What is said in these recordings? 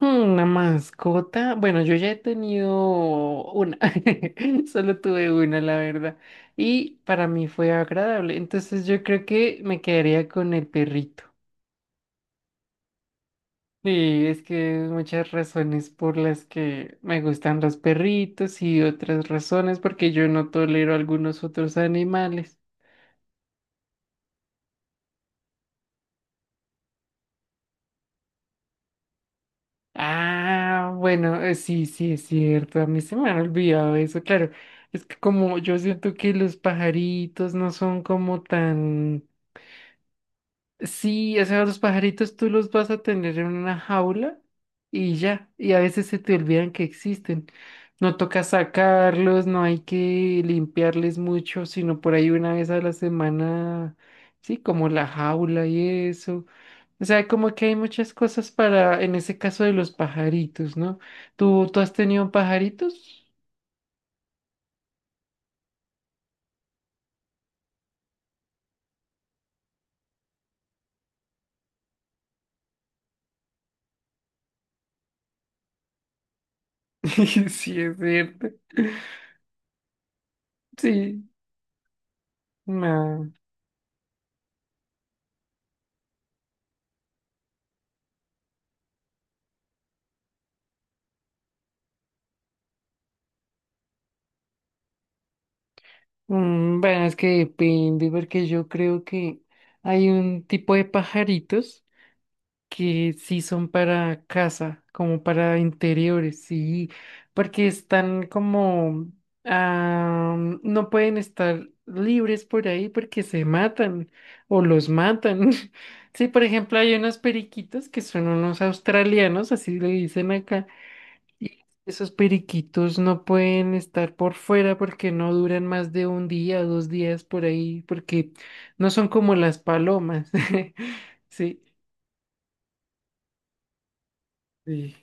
Hmm, Una mascota. Bueno, yo ya he tenido una. Solo tuve una, la verdad. Y para mí fue agradable. Entonces yo creo que me quedaría con el perrito. Sí, es que hay muchas razones por las que me gustan los perritos y otras razones porque yo no tolero algunos otros animales. Ah, bueno, sí, sí, es cierto. A mí se me ha olvidado eso, claro. Es que como yo siento que los pajaritos no son como tan... Sí, o sea, los pajaritos tú los vas a tener en una jaula y ya, y a veces se te olvidan que existen. No toca sacarlos, no hay que limpiarles mucho, sino por ahí una vez a la semana, sí, como la jaula y eso. O sea, como que hay muchas cosas para, en ese caso de los pajaritos, ¿no? ¿Tú has tenido pajaritos? Sí, es cierto. Sí. No. Mm, bueno, es que depende, porque yo creo que hay un tipo de pajaritos que sí son para casa, como para interiores, sí, porque están como, ah, no pueden estar libres por ahí porque se matan o los matan. Sí, por ejemplo, hay unos periquitos que son unos australianos, así le dicen acá, y esos periquitos no pueden estar por fuera porque no duran más de un día o dos días por ahí, porque no son como las palomas. Sí, sí.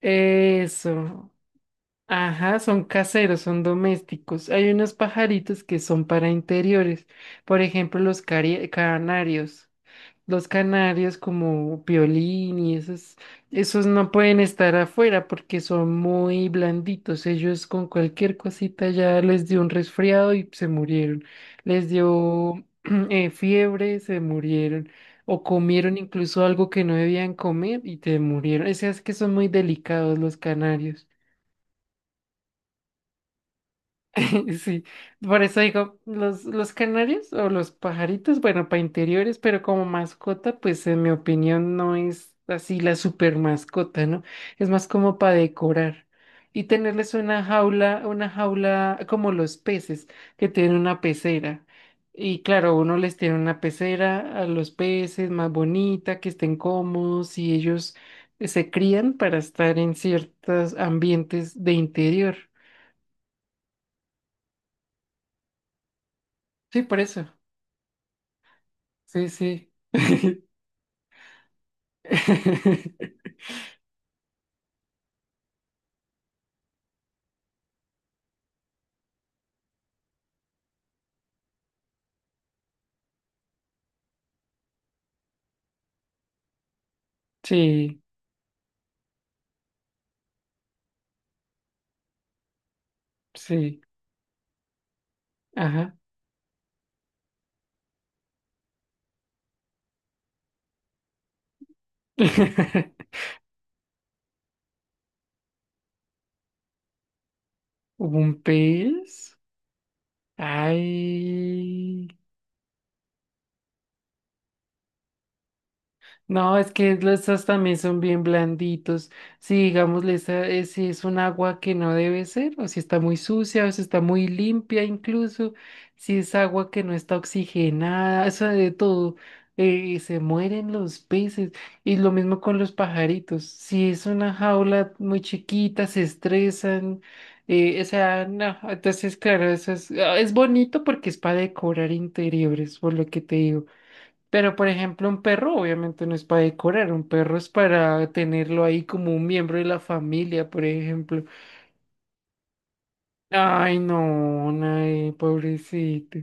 Eso. Ajá, son caseros, son domésticos. Hay unos pajaritos que son para interiores, por ejemplo, los canarios. Los canarios, como Piolín y esos, esos no pueden estar afuera porque son muy blanditos. Ellos con cualquier cosita ya les dio un resfriado y se murieron. Les dio fiebre, se murieron. O comieron incluso algo que no debían comer y te murieron. O sea, es que son muy delicados los canarios. Sí, por eso digo, los canarios o los pajaritos, bueno, para interiores, pero como mascota, pues en mi opinión no es así la super mascota, ¿no? Es más como para decorar y tenerles una jaula como los peces que tienen una pecera. Y claro, uno les tiene una pecera a los peces más bonita, que estén cómodos y ellos se crían para estar en ciertos ambientes de interior. Sí, por eso. Sí, sí. Sí, sí. Ajá. ¿Un pez? Ay. No, es que los, esas también son bien blanditos. Si digamos, esa, si es un agua que no debe ser, o si está muy sucia, o si está muy limpia incluso, si es agua que no está oxigenada, eso de todo, se mueren los peces. Y lo mismo con los pajaritos. Si es una jaula muy chiquita, se estresan. O sea, no, entonces claro, eso es, es bonito porque es para decorar interiores, por lo que te digo. Pero, por ejemplo, un perro obviamente no es para decorar, un perro es para tenerlo ahí como un miembro de la familia, por ejemplo. Ay, no, ay, pobrecito.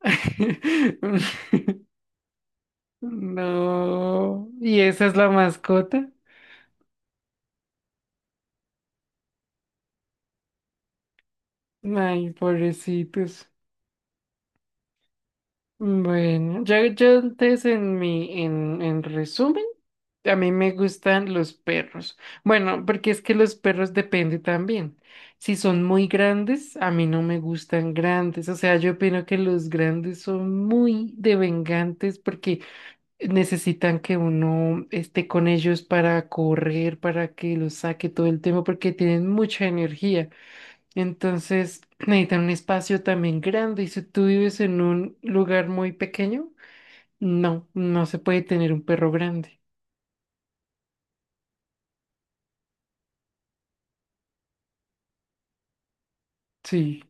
No, ¿y esa es la mascota? Ay, pobrecitos. Bueno, yo antes en en resumen, a mí me gustan los perros. Bueno, porque es que los perros depende también. Si son muy grandes, a mí no me gustan grandes. O sea, yo opino que los grandes son muy devengantes porque necesitan que uno esté con ellos para correr, para que los saque todo el tiempo, porque tienen mucha energía. Entonces necesitan un espacio también grande y si tú vives en un lugar muy pequeño, no, no se puede tener un perro grande. Sí.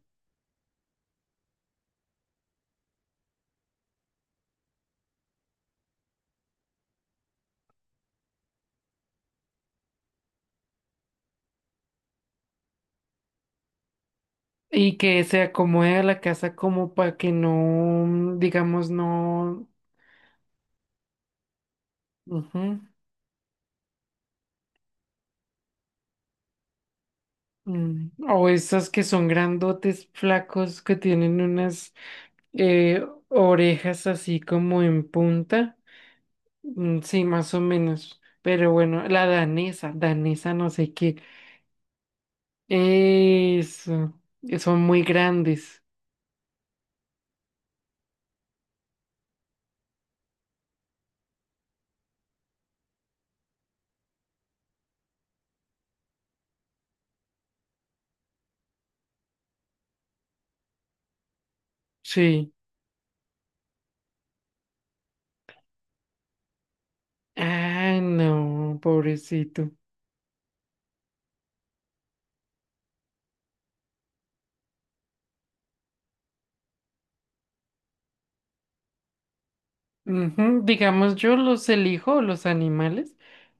Y que se acomode a la casa como para que no, mm, digamos, no... Ujú, mm, o esas que son grandotes, flacos, que tienen unas orejas así como en punta. Mm, sí, más o menos. Pero bueno, la danesa, danesa no sé qué. Eso, son muy grandes. Sí. Ah, no, pobrecito. Ujú, digamos, yo los elijo, los animales,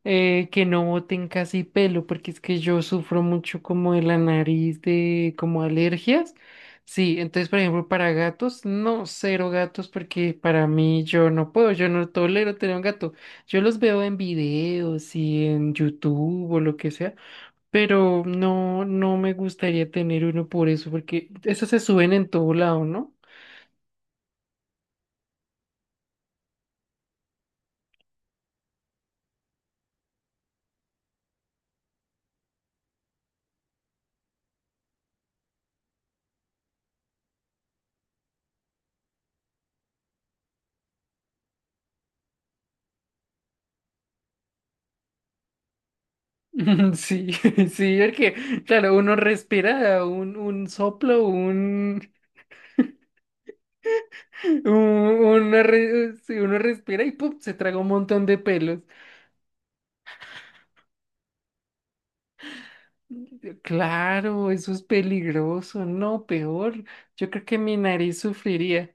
que no boten casi pelo, porque es que yo sufro mucho como de la nariz, de como alergias. Sí, entonces, por ejemplo, para gatos, no, cero gatos, porque para mí yo no puedo, yo no tolero tener un gato. Yo los veo en videos y en YouTube o lo que sea. Pero no, no me gustaría tener uno por eso, porque esos se suben en todo lado, ¿no? Sí, sí, porque, claro, uno respira un soplo, un, sí, uno respira y ¡pum! Se traga un montón de pelos. Claro, eso es peligroso, no, peor. Yo creo que mi nariz sufriría.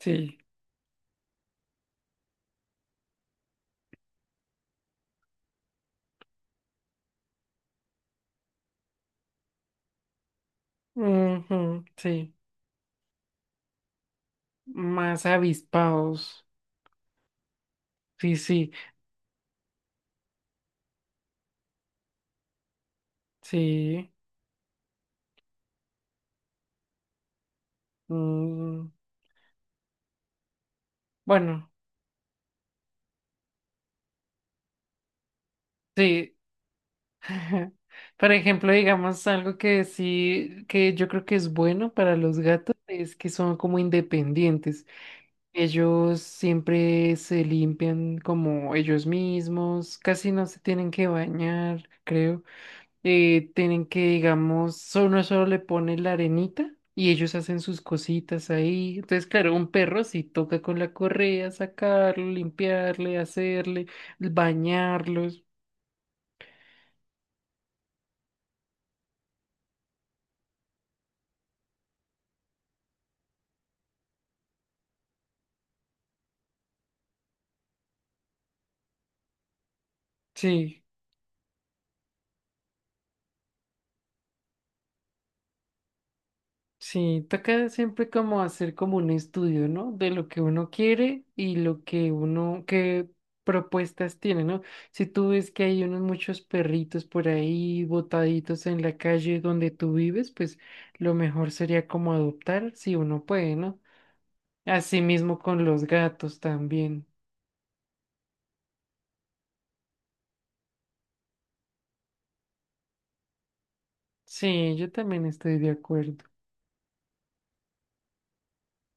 Sí, ujú, sí, más avispados. Sí, sí, sí. Mm, bueno, sí. Por ejemplo, digamos algo que sí, que yo creo que es bueno para los gatos es que son como independientes. Ellos siempre se limpian como ellos mismos, casi no se tienen que bañar, creo. Tienen que, digamos, solo uno solo le pone la arenita y ellos hacen sus cositas ahí. Entonces, claro, un perro sí toca con la correa, sacarlo, limpiarle, hacerle bañarlos. Sí, sí, toca siempre como hacer como un estudio, ¿no? De lo que uno quiere y lo que uno, qué propuestas tiene, ¿no? Si tú ves que hay unos muchos perritos por ahí botaditos en la calle donde tú vives, pues lo mejor sería como adoptar si uno puede, ¿no? Asimismo con los gatos también. Sí, yo también estoy de acuerdo.